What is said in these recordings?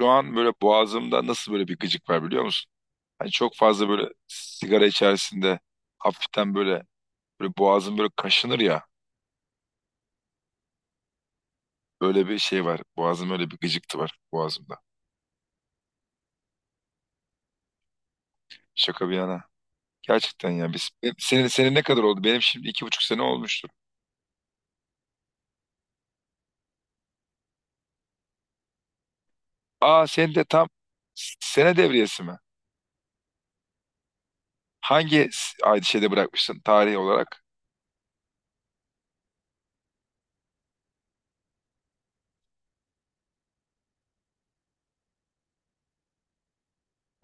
Şu an böyle boğazımda nasıl böyle bir gıcık var biliyor musun? Hani çok fazla böyle sigara içerisinde hafiften böyle boğazım böyle kaşınır ya. Böyle bir şey var. Boğazım öyle bir gıcıktı var boğazımda. Şaka bir yana. Gerçekten ya biz senin ne kadar oldu? Benim şimdi 2,5 sene olmuştur. Aa, sen de tam sene devriyesi mi? Hangi ay şeyde bırakmışsın tarih olarak?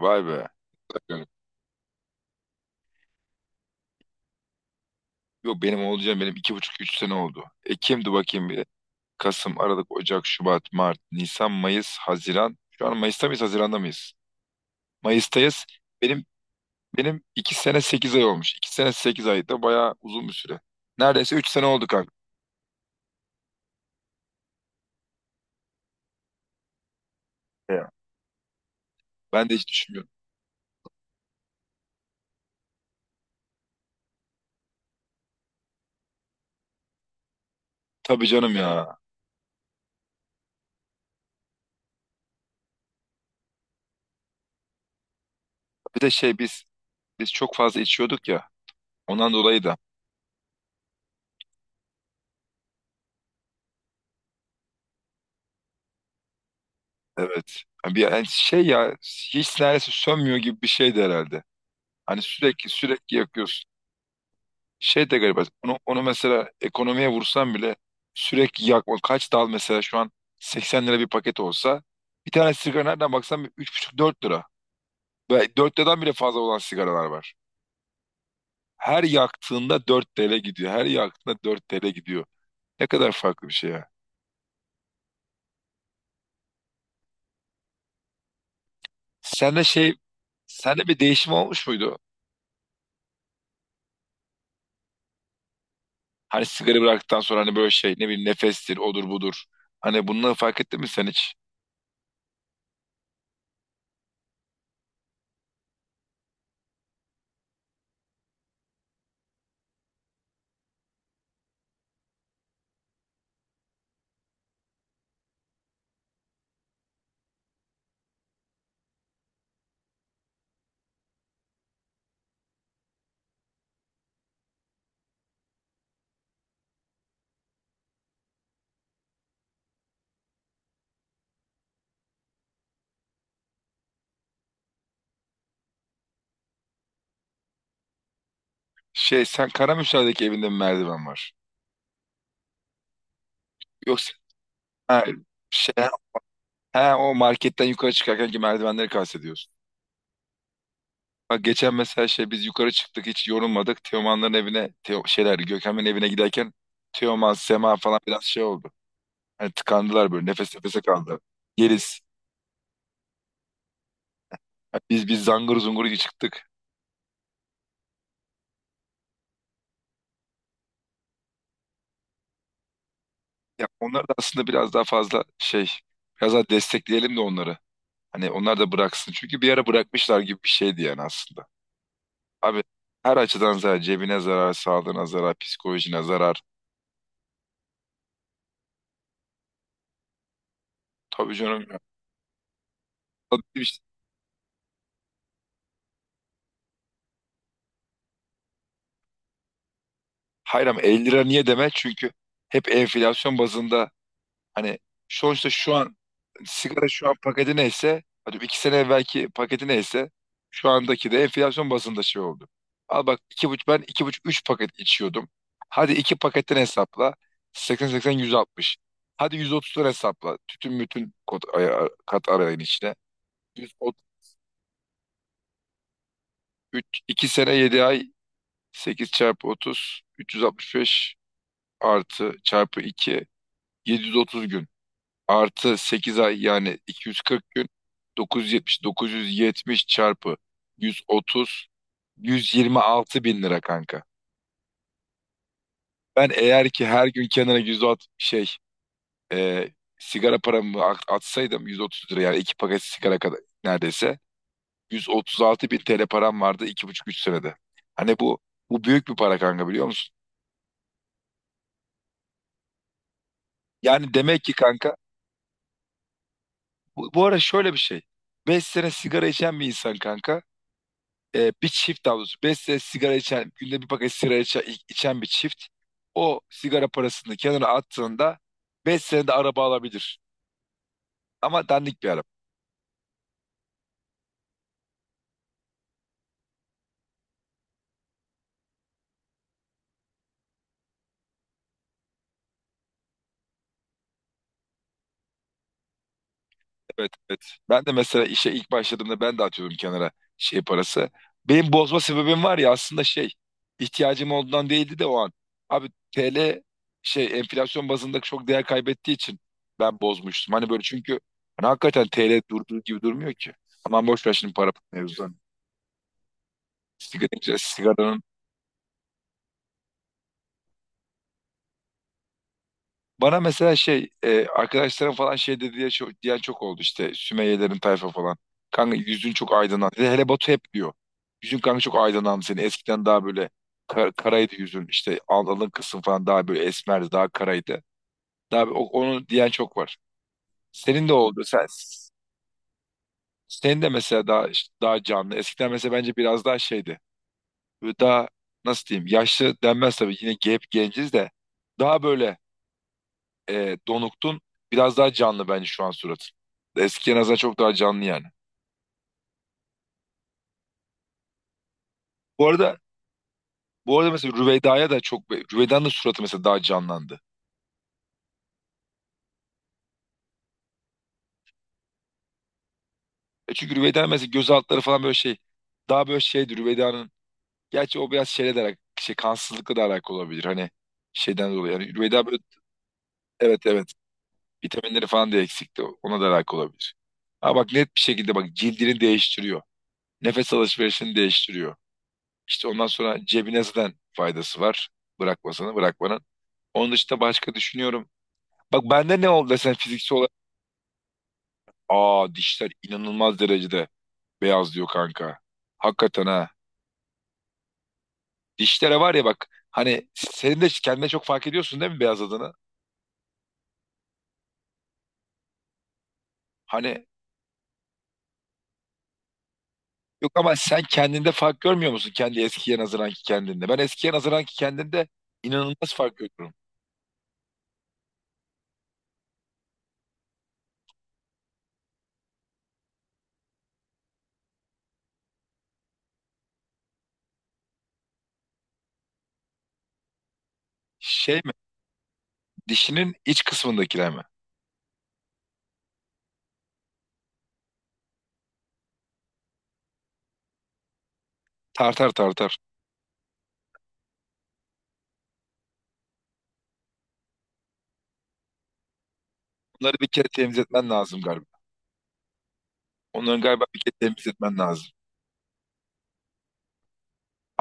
Vay be. Bakalım. Yok, benim benim 2,5-3 sene oldu. Ekim'di bakayım. Kasım, Aralık, Ocak, Şubat, Mart, Nisan, Mayıs, Haziran. Şu an Mayıs'ta mıyız, Haziran'da mıyız? Mayıs'tayız. Benim benim 2 sene 8 ay olmuş. 2 sene 8 ay da bayağı uzun bir süre. Neredeyse 3 sene oldu kanka. Ya, ben de hiç düşünmüyorum. Tabii canım ya. Bir de biz çok fazla içiyorduk ya. Ondan dolayı da evet. Yani bir yani şey ya, hiç neredeyse sönmüyor gibi bir şeydi herhalde. Hani sürekli sürekli yakıyorsun. Şey de garip. Onu mesela ekonomiye vursam bile sürekli yakma. Kaç dal mesela şu an 80 lira bir paket olsa, bir tane sigara nereden baksan bir 3,5-4 lira. Ve 4 liradan bile fazla olan sigaralar var. Her yaktığında 4 TL gidiyor. Her yaktığında 4 TL gidiyor. Ne kadar farklı bir şey ya. Sende şey, sende bir değişim olmuş muydu? Hani sigara bıraktıktan sonra hani böyle şey ne bileyim, nefestir, odur budur. Hani bunları fark ettin mi sen hiç? Sen Karamürsel'deki evinde mi merdiven var? Yoksa, ha, şey Ha, o marketten yukarı çıkarken ki merdivenleri kastediyorsun. Bak geçen mesela biz yukarı çıktık, hiç yorulmadık. Teoman'ların evine, Teo, şeyler Gökhan'ın evine giderken Teoman, Sema falan biraz şey oldu. Hani tıkandılar, böyle nefes nefese kaldı. Yeriz. Hani biz zangır zungur iyi çıktık. Ya onlar da aslında biraz daha destekleyelim de onları. Hani onlar da bıraksın. Çünkü bir ara bırakmışlar gibi bir şeydi yani aslında. Abi, her açıdan zarar. Cebine zarar, sağlığına zarar, psikolojine zarar. Tabii canım, ya. Hayır ama 50 lira niye deme? Çünkü hep enflasyon bazında, hani sonuçta şu an sigara şu an paketi neyse, hadi iki sene evvelki paketi neyse, şu andaki de enflasyon bazında şey oldu. Al bak, iki buçuk ben iki buçuk üç paket içiyordum. Hadi iki paketten hesapla, 80 80 160. Hadi 130'dan hesapla. Tütün bütün kod, kat arayın içine. 103, 2 sene 7 ay, 8 çarpı 30 365, artı çarpı 2 730 gün, artı 8 ay yani 240 gün, 970 970 çarpı 130 126 bin lira kanka. Ben eğer ki her gün kenara 160 e, sigara paramı atsaydım, 130 lira yani iki paket sigara kadar neredeyse, 136 bin TL param vardı 2,5-3 senede. Hani bu büyük bir para kanka, biliyor musun? Yani demek ki kanka, bu ara şöyle bir şey. 5 sene sigara içen bir insan kanka, bir çift, daha doğrusu 5 sene sigara içen, günde bir paket sigara içen bir çift o sigara parasını kenara attığında 5 senede araba alabilir. Ama dandik bir araba. Evet, evet. Ben de mesela işe ilk başladığımda ben de atıyordum kenara şey parası. Benim bozma sebebim var ya aslında, şey, ihtiyacım olduğundan değildi de o an. Abi, TL şey enflasyon bazında çok değer kaybettiği için ben bozmuştum. Hani böyle, çünkü hani hakikaten TL durduğu gibi durmuyor ki. Aman boş ver şimdi para mevzudan. Sigara, sigara. Bana mesela arkadaşlarım falan şey dedi diye çok, diyen çok oldu işte, Sümeyyelerin tayfa falan. Kanka yüzün çok aydınlandı. Hele hele Batu hep diyor. Yüzün kanka çok aydınlandı senin. Eskiden daha böyle karaydı yüzün. İşte alın kısım falan daha böyle esmerdi, daha karaydı. Daha onu diyen çok var. Senin de oldu. Senin de mesela daha işte daha canlı. Eskiden mesela bence biraz daha şeydi. Böyle daha, nasıl diyeyim, yaşlı denmez tabii, yine hep genciz de, daha böyle Donukt'un biraz daha canlı bence şu an suratı. Eskiye nazaran çok daha canlı yani. Bu arada bu arada mesela Rüveyda'ya da çok, Rüveyda'nın da suratı mesela daha canlandı. E çünkü Rüveyda mesela göz altları falan böyle şey, daha böyle şeydi Rüveyda'nın. Gerçi o biraz şeyle de kansızlıkla da alakalı olabilir. Hani şeyden dolayı. Yani Rüveyda böyle, evet evet, vitaminleri falan da eksikti. Ona da alakalı olabilir. Ha bak, net bir şekilde bak cildini değiştiriyor. Nefes alışverişini değiştiriyor. İşte ondan sonra cebine zaten faydası var. Bırakmasana, bırakmanın. Onun dışında başka düşünüyorum. Bak bende ne oldu desen fiziksel olarak. Aa, dişler inanılmaz derecede beyazlıyor kanka. Hakikaten ha. Dişlere var ya bak, hani senin de kendine çok fark ediyorsun değil mi beyazladığını? Hani yok ama sen kendinde fark görmüyor musun kendi eskiye nazaranki kendinde? Ben eskiye nazaranki kendinde inanılmaz fark görüyorum. Şey mi? Dişinin iç kısmındakiler mi? Tartar, tartar. Bunları bir kere temizletmen lazım galiba. Onların galiba bir kere temizletmen lazım.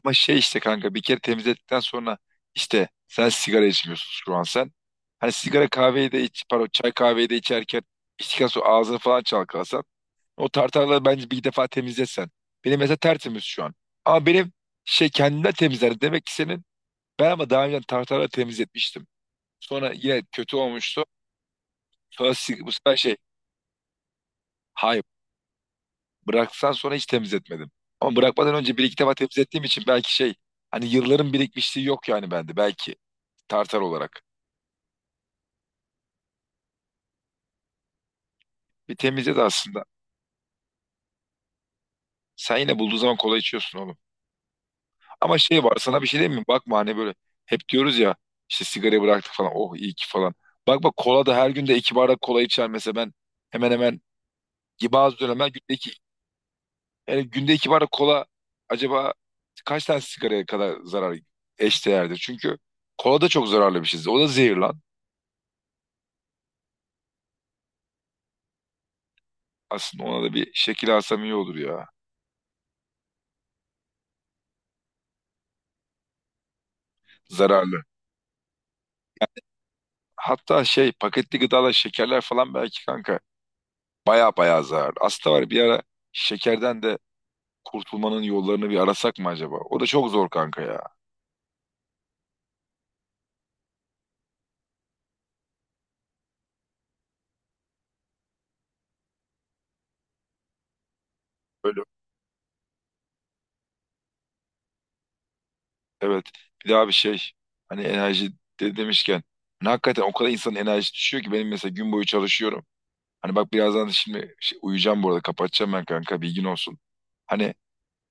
Ama şey işte kanka, bir kere temizlettikten sonra, işte sen sigara içmiyorsun şu an sen. Hani sigara kahveyi de iç, pardon, çay kahveyi de içerken, içtikten sonra ağzını falan çalkalasan. O tartarları bence bir defa temizlesen. Benim mesela tertemiz şu an. Ama benim şey kendinden temizler. Demek ki senin, ben ama daha önce tartarları temizletmiştim. Sonra yine kötü olmuştu. Sonra sig- bu sefer şey hay bıraksan sonra hiç temizletmedim. Ama bırakmadan önce bir iki defa temizlettiğim için belki şey, hani yılların birikmişliği yok yani bende belki tartar olarak. Bir temizle de aslında. Sen yine bulduğun zaman kola içiyorsun oğlum. Ama şey var, sana bir şey diyeyim mi? Bakma hani böyle hep diyoruz ya, işte sigarayı bıraktık falan, oh iyi ki falan. Bak bak, kola da, her günde iki bardak kola içer mesela ben, hemen hemen bazı dönemler günde iki, yani günde iki bardak kola acaba kaç tane sigaraya kadar zarar eşdeğerdir? Çünkü kola da çok zararlı bir şey. O da zehir lan. Aslında ona da bir şekil alsam iyi olur ya. Zararlı. Hatta şey paketli gıdalar, şekerler falan belki kanka baya baya zararlı. Aslında var ya, bir ara şekerden de kurtulmanın yollarını bir arasak mı acaba? O da çok zor kanka ya. Böyle evet. Bir daha bir şey, hani enerji de demişken, hani hakikaten o kadar insanın enerjisi düşüyor ki, benim mesela gün boyu çalışıyorum. Hani bak, birazdan da şimdi uyuyacağım, bu arada kapatacağım ben kanka bilgin olsun. Hani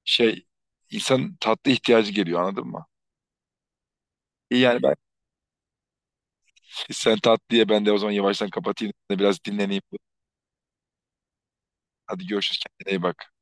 şey insanın tatlı ihtiyacı geliyor, anladın mı? İyi yani ben. Sen tat diye ben de o zaman yavaştan kapatayım. Biraz dinleneyim. Hadi görüşürüz. Kendine iyi bak.